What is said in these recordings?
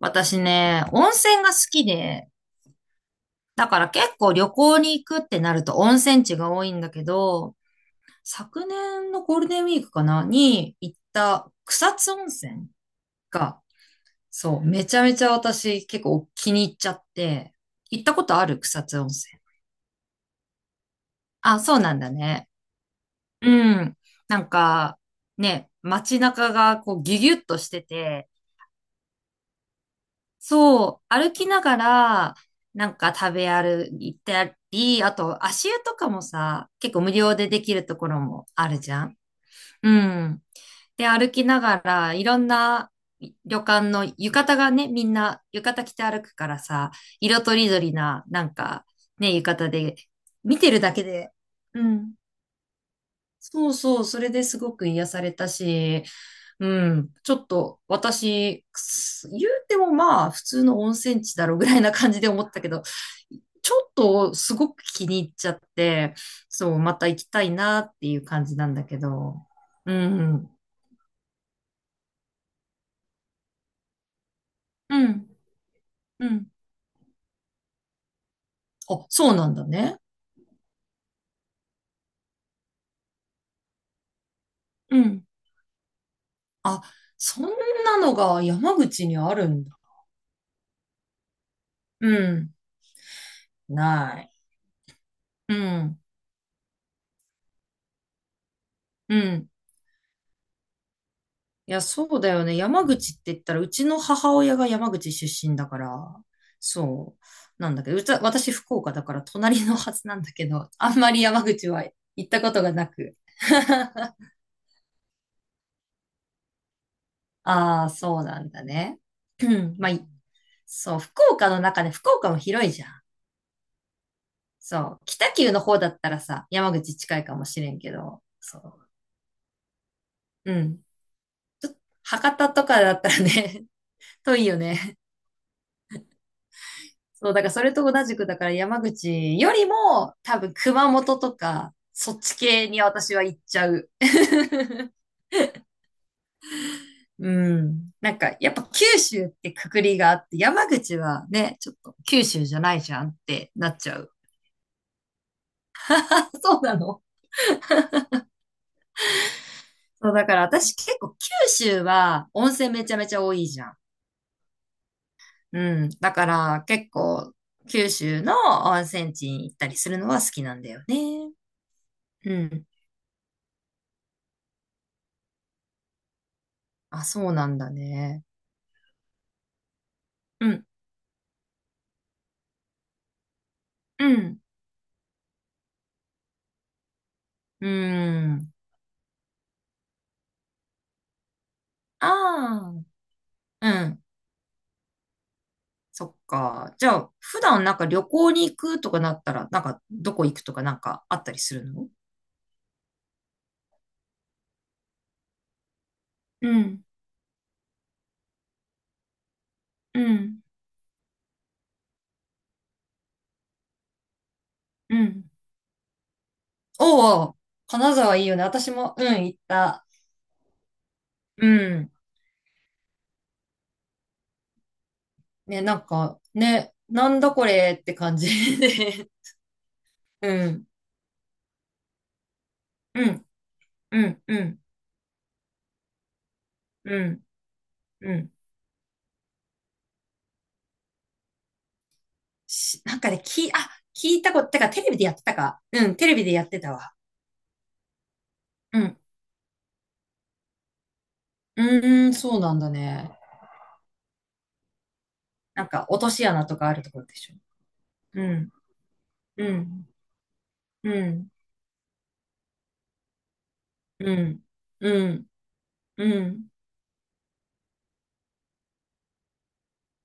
私ね、温泉が好きで、だから結構旅行に行くってなると温泉地が多いんだけど、昨年のゴールデンウィークかなに行った草津温泉が、そう、めちゃめちゃ私結構気に入っちゃって、行ったことある草津温泉。あ、そうなんだね。うん。なんか、ね、街中がこうギュギュッとしてて、そう、歩きながら、なんか食べ歩いたり、あと足湯とかもさ、結構無料でできるところもあるじゃん。うん。で、歩きながら、いろんな旅館の浴衣がね、みんな浴衣着て歩くからさ、色とりどりな、ね、浴衣で、見てるだけで、うん。そうそう、それですごく癒されたし、うん。ちょっと、私、くす言うてもまあ、普通の温泉地だろうぐらいな感じで思ったけど、ちょっとすごく気に入っちゃって、そう、また行きたいなっていう感じなんだけど。うん。うん。うん。あ、そうなんだね。うん。あ、そんなのが山口にあるんだ。うん。ない。うん。うん。いや、そうだよね。山口って言ったら、うちの母親が山口出身だから、そう。なんだけど、うちは私福岡だから隣のはずなんだけど、あんまり山口は行ったことがなく。ああ、そうなんだね。うん。まあ、いそう、福岡の中で、福岡も広いじゃん。そう。北九の方だったらさ、山口近いかもしれんけど、そう。うん。博多とかだったらね、遠いよね。そう、だからそれと同じく、だから山口よりも、多分熊本とか、そっち系に私は行っちゃう。うん。やっぱ九州ってくくりがあって、山口はね、ちょっと九州じゃないじゃんってなっちゃう。あ、そうなの。そう、だから私結構九州は温泉めちゃめちゃ多いじゃん。うん。だから結構九州の温泉地に行ったりするのは好きなんだよね。うん。あ、そうなんだね。うん。うん。うーん。ああ、うん。そっか。じゃあ、普段なんか旅行に行くとかなったら、なんかどこ行くとかなんかあったりするの？うん、うん、うん。おお、金沢いいよね。私も、うん、行った。うん、ね、ね、なんだこれって感じで。うん、うん、うん、うん、うん、うん、し、なんかね、き、あ、聞いたこと、てかテレビでやってたか。うん、テレビでやってたわ。うん。うーん、そうなんだね。なんか、落とし穴とかあるところでしょ。うん、うん、うん、うん、うん、うん、うん、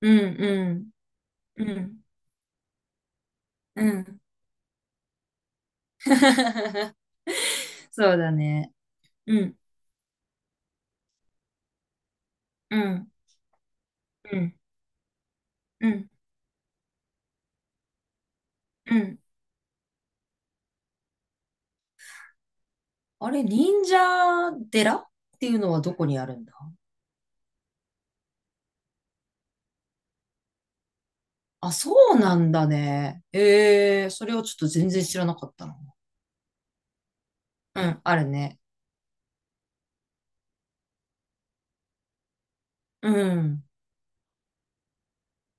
うん、うん、うん。そうだね。うん、うん、うん、うん、うん。あれ、忍者寺っていうのはどこにあるんだ？あ、そうなんだね。ええ、それをちょっと全然知らなかったな。うん、あるね。うん、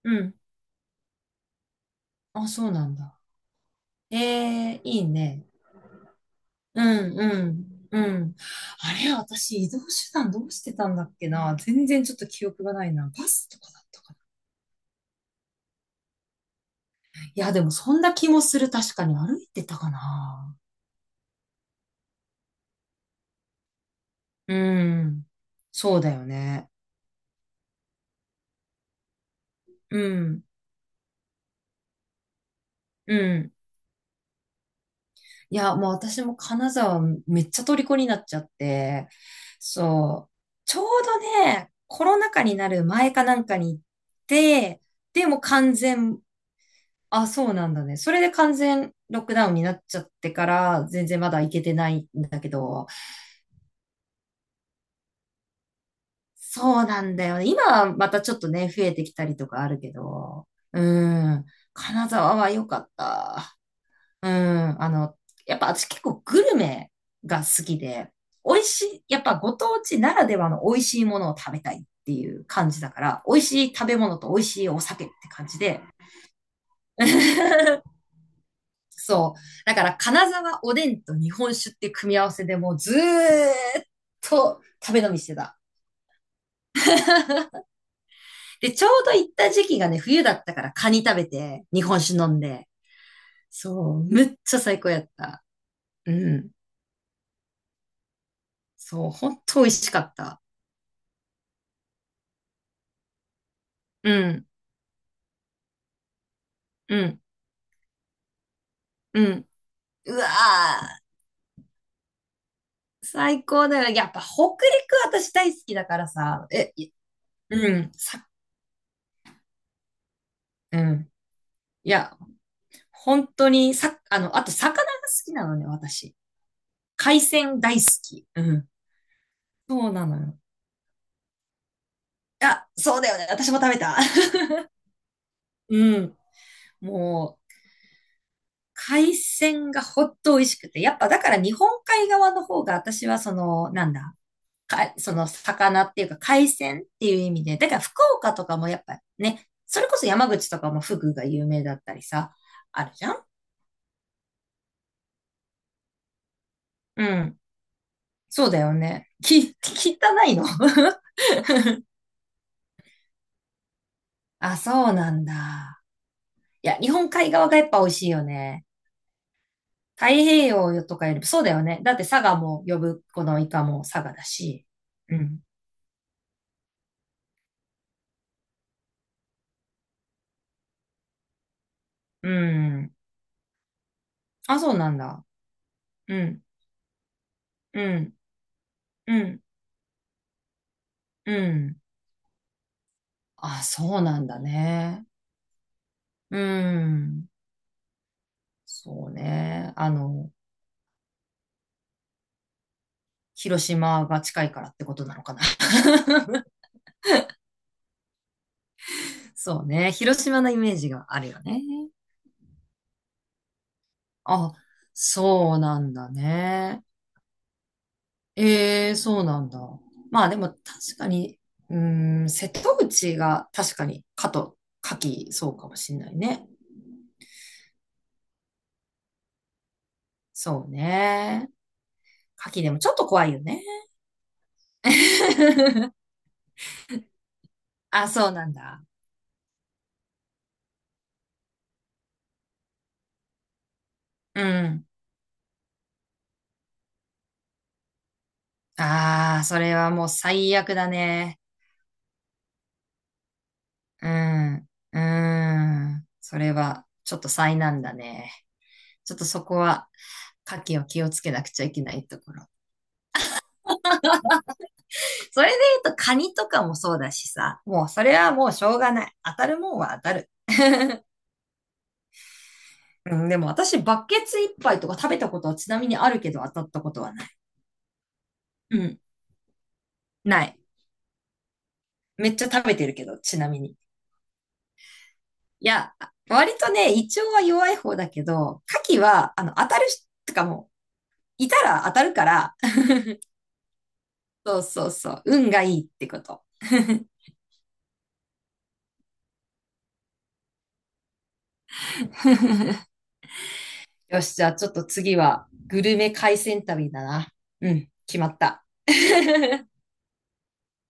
うん。あ、そうなんだ。ええ、いいね。うんうん。うん。あれ、私移動手段どうしてたんだっけな。全然ちょっと記憶がないな。バスとかだったかな。いや、でもそんな気もする。確かに歩いてたかな。うん。そうだよね。うん。うん。いや、もう私も金沢めっちゃ虜になっちゃって。そう。ちょうどね、コロナ禍になる前かなんかに行って、でもう完全、あ、そうなんだね。それで完全ロックダウンになっちゃってから、全然まだ行けてないんだけど、そうなんだよね。今はまたちょっとね、増えてきたりとかあるけど、うん、金沢は良かった。うん、やっぱ私結構グルメが好きで、美味しい、やっぱご当地ならではの美味しいものを食べたいっていう感じだから、美味しい食べ物と美味しいお酒って感じで、そう。だから、金沢おでんと日本酒って組み合わせでもうずーっと食べ飲みしてた。で、ちょうど行った時期がね、冬だったからカニ食べて、日本酒飲んで。そう、むっちゃ最高やった。うん。そう、ほんと美味しかった。うん、うん、うん。うわー、最高だよ。やっぱ北陸私大好きだからさ。え、い、うん、さ、うん。いや、本当に、さ、あと魚が好きなのね、私。海鮮大好き。うん。そうなのよ。あ、そうだよね。私も食べた。うん。もう、海鮮がほっと美味しくて。やっぱだから日本海側の方が私はその、なんだ、か、その魚っていうか海鮮っていう意味で。だから福岡とかもやっぱね、それこそ山口とかもフグが有名だったりさ、あるじゃん。うん。そうだよね。き、汚いの。 あ、そうなんだ。いや、日本海側がやっぱ美味しいよね。太平洋とかよりそうだよね。だって佐賀も呼ぶ、このイカも佐賀だし。うん。うん。あ、そうなんだ。うん。うん。うん。うん。あ、そうなんだね。うん。そうね。広島が近いからってことなのかな。そうね。広島のイメージがあるよね。あ、そうなんだね。ええ、そうなんだ。まあでも確かに、うーん、瀬戸口が確かに、かと、かき、そうかもしんないね。そうね。かきでもちょっと怖いよね。あ、そうなんだ。うん。ああ、それはもう最悪だね。うん。うん。それは、ちょっと災難だね。ちょっとそこは、牡蠣を気をつけなくちゃいけないところ。それで言うと、カニとかもそうだしさ、もうそれはもうしょうがない。当たるもんは当たる。うん、でも私、バケツ一杯とか食べたことはちなみにあるけど当たったことはない。うん、ない。めっちゃ食べてるけど、ちなみに。いや、割とね、胃腸は弱い方だけど、牡蠣は、当たるし、とかもう、いたら当たるから、そうそうそう、運がいいってこと。よし、じゃあちょっと次は、グルメ海鮮旅だな。うん、決まった。